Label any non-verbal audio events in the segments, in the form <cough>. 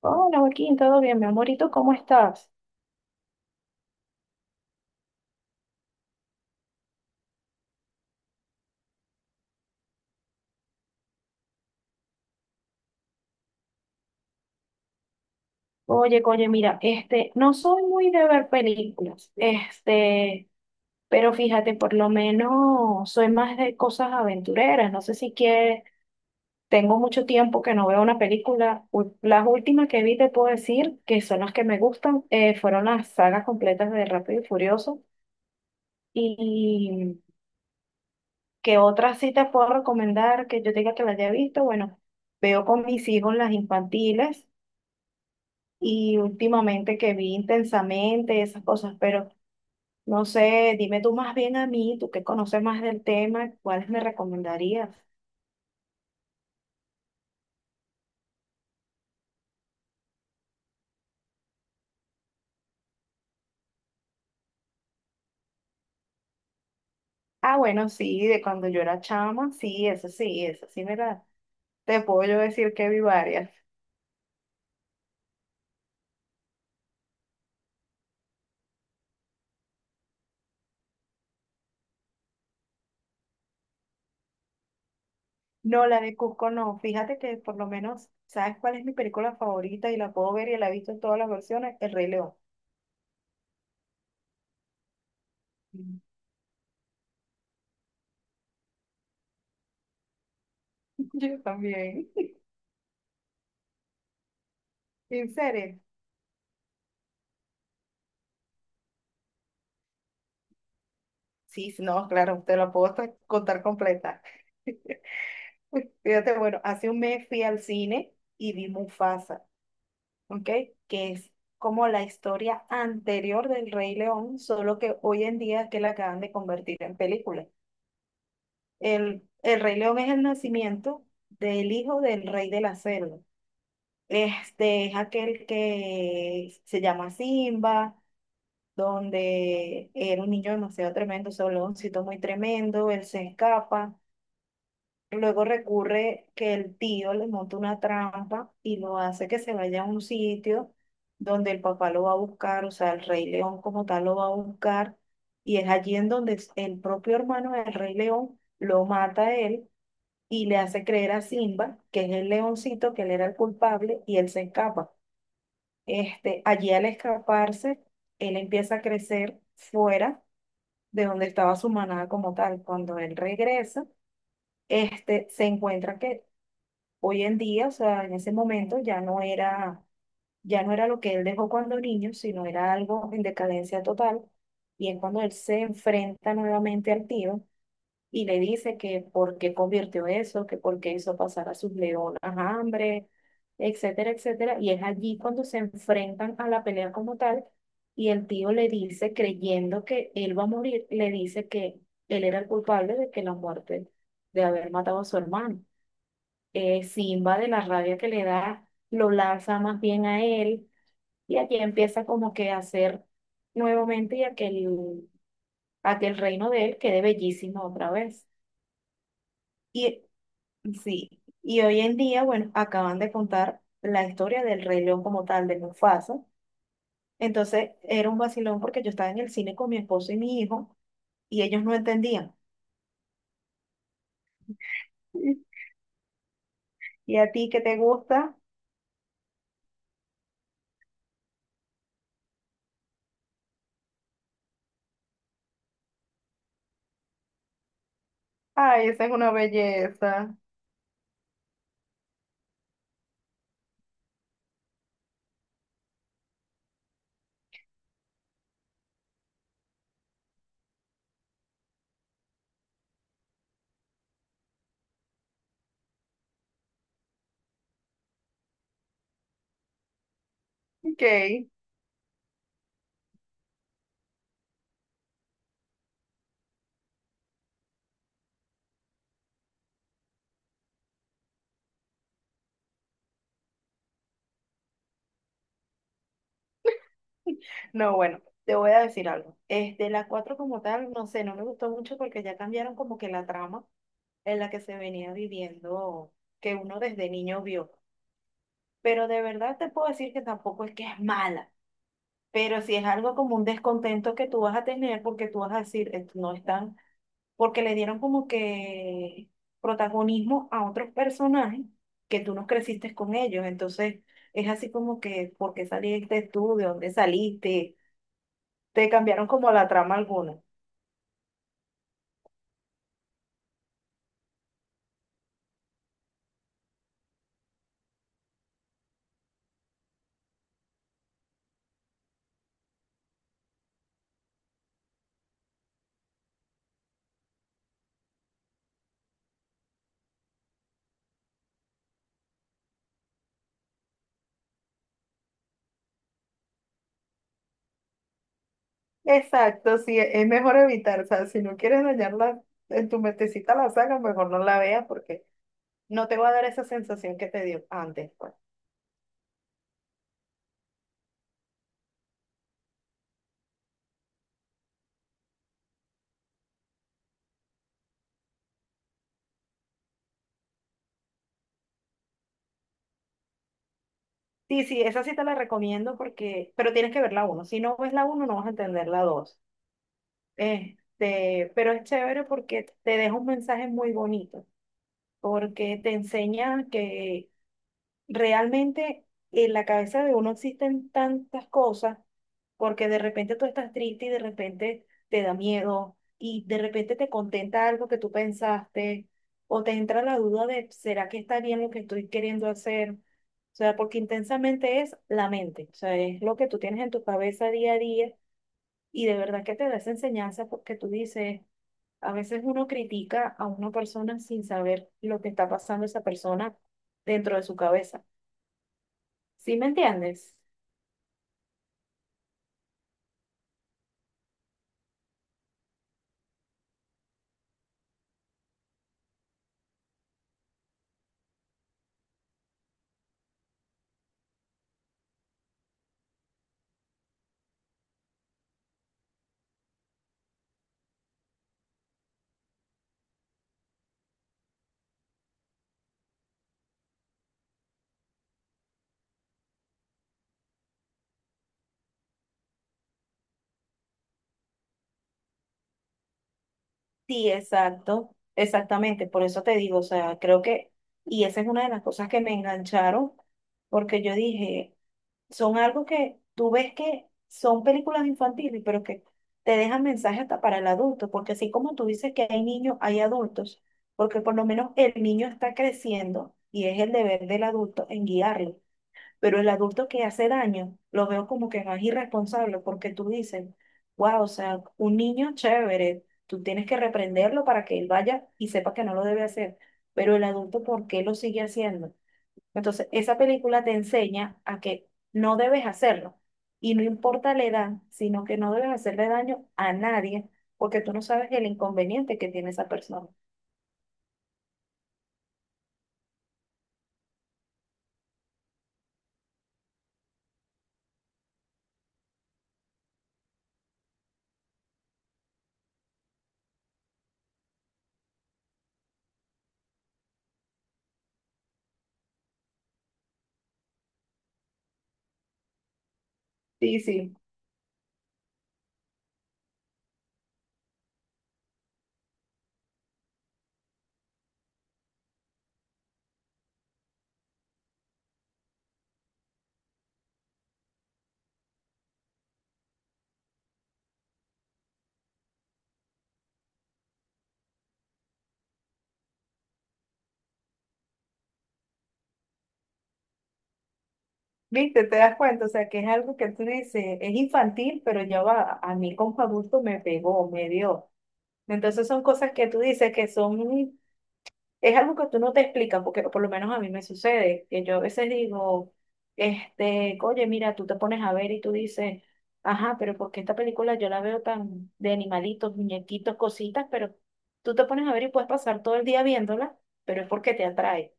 Hola Joaquín, ¿todo bien, mi amorito? ¿Cómo estás? Oye, mira, este, no soy muy de ver películas, este, pero fíjate, por lo menos soy más de cosas aventureras. No sé si quieres, tengo mucho tiempo que no veo una película. Las últimas que vi, te puedo decir, que son las que me gustan, fueron las sagas completas de Rápido y Furioso. Y que otras sí te puedo recomendar que yo diga que las haya visto, bueno, veo con mis hijos las infantiles y últimamente que vi intensamente esas cosas, pero no sé, dime tú más bien a mí, tú que conoces más del tema, ¿cuáles me recomendarías? Ah, bueno, sí, de cuando yo era chama, sí, eso sí, eso sí, mira, te puedo yo decir que vi varias. No, la de Cusco no, fíjate que por lo menos, ¿sabes cuál es mi película favorita? Y la puedo ver y la he visto en todas las versiones, El Rey León. <laughs> Yo también. <laughs> ¿En serio? Sí, sí, no, claro, te la puedo hasta contar completa. <laughs> Uy, fíjate, bueno, hace un mes fui al cine y vi Mufasa, ¿ok? Que es como la historia anterior del Rey León, solo que hoy en día es que la acaban de convertir en película. El Rey León es el nacimiento del hijo del Rey de la Selva. Este es aquel que se llama Simba, donde era un niño demasiado tremendo, soloncito muy tremendo, él se escapa. Luego recurre que el tío le monta una trampa y lo hace que se vaya a un sitio donde el papá lo va a buscar, o sea, el Rey León como tal lo va a buscar, y es allí en donde el propio hermano del Rey León lo mata a él y le hace creer a Simba, que es el leoncito, que él era el culpable y él se escapa. Este, allí al escaparse, él empieza a crecer fuera de donde estaba su manada como tal. Cuando él regresa, este, se encuentra que hoy en día, o sea, en ese momento ya no era lo que él dejó cuando niño, sino era algo en decadencia total. Y es cuando él se enfrenta nuevamente al tío y le dice que por qué convirtió eso, que por qué hizo pasar a sus leonas hambre, etcétera, etcétera. Y es allí cuando se enfrentan a la pelea como tal. Y el tío le dice, creyendo que él va a morir, le dice que él era el culpable de que la muerte, de haber matado a su hermano. Simba, de la rabia que le da, lo lanza más bien a él y allí empieza como que a hacer nuevamente y aquel reino de él quede bellísimo otra vez. Y sí, y hoy en día, bueno, acaban de contar la historia del Rey León como tal, de Mufasa. Entonces era un vacilón porque yo estaba en el cine con mi esposo y mi hijo y ellos no entendían. <laughs> ¿Y a ti qué te gusta? Ay, esa es una belleza. Ok. No, bueno, te voy a decir algo. Este, la 4 como tal, no sé, no me gustó mucho porque ya cambiaron como que la trama en la que se venía viviendo, que uno desde niño vio. Pero de verdad te puedo decir que tampoco es que es mala, pero si es algo como un descontento que tú vas a tener porque tú vas a decir, no están, porque le dieron como que protagonismo a otros personajes que tú no creciste con ellos". Entonces es así como que, ¿por qué saliste tú? ¿De dónde saliste? Te cambiaron como la trama alguna. Exacto, sí, es mejor evitar, o sea, si no quieres dañarla en tu mentecita la saga, mejor no la veas porque no te va a dar esa sensación que te dio antes, pues. Sí, sí, esa sí te la recomiendo porque, pero tienes que ver la 1. Si no ves la uno no vas a entender la dos. Este, pero es chévere porque te deja un mensaje muy bonito, porque te enseña que realmente en la cabeza de uno existen tantas cosas, porque de repente tú estás triste y de repente te da miedo y de repente te contenta algo que tú pensaste o te entra la duda de, ¿será que está bien lo que estoy queriendo hacer? O sea, porque intensamente es la mente, o sea, es lo que tú tienes en tu cabeza día a día y de verdad que te da esa enseñanza porque tú dices, a veces uno critica a una persona sin saber lo que está pasando esa persona dentro de su cabeza. ¿Sí me entiendes? Sí, exacto, exactamente, por eso te digo, o sea, creo que, y esa es una de las cosas que me engancharon, porque yo dije, son algo que tú ves que son películas infantiles, pero que te dejan mensajes hasta para el adulto, porque así como tú dices que hay niños, hay adultos, porque por lo menos el niño está creciendo y es el deber del adulto en guiarlo. Pero el adulto que hace daño, lo veo como que más irresponsable porque tú dices, wow, o sea, un niño chévere, tú tienes que reprenderlo para que él vaya y sepa que no lo debe hacer. Pero el adulto, ¿por qué lo sigue haciendo? Entonces, esa película te enseña a que no debes hacerlo. Y no importa la edad, sino que no debes hacerle daño a nadie porque tú no sabes el inconveniente que tiene esa persona. Sí, sí. ¿Viste? ¿Te das cuenta? O sea, que es algo que tú dices, es infantil, pero ya va, a mí como adulto me pegó, me dio. Entonces son cosas que tú dices que son, es algo que tú no te explicas, porque por lo menos a mí me sucede, que yo a veces digo, este, oye, mira, tú te pones a ver y tú dices, ajá, pero ¿por qué esta película yo la veo tan de animalitos, muñequitos, cositas, pero tú te pones a ver y puedes pasar todo el día viéndola, pero es porque te atrae.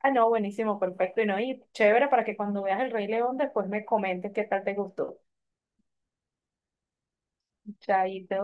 Ah, no, buenísimo, perfecto. Y no, y chévere para que cuando veas El Rey León después me comentes qué tal te gustó. Chaito.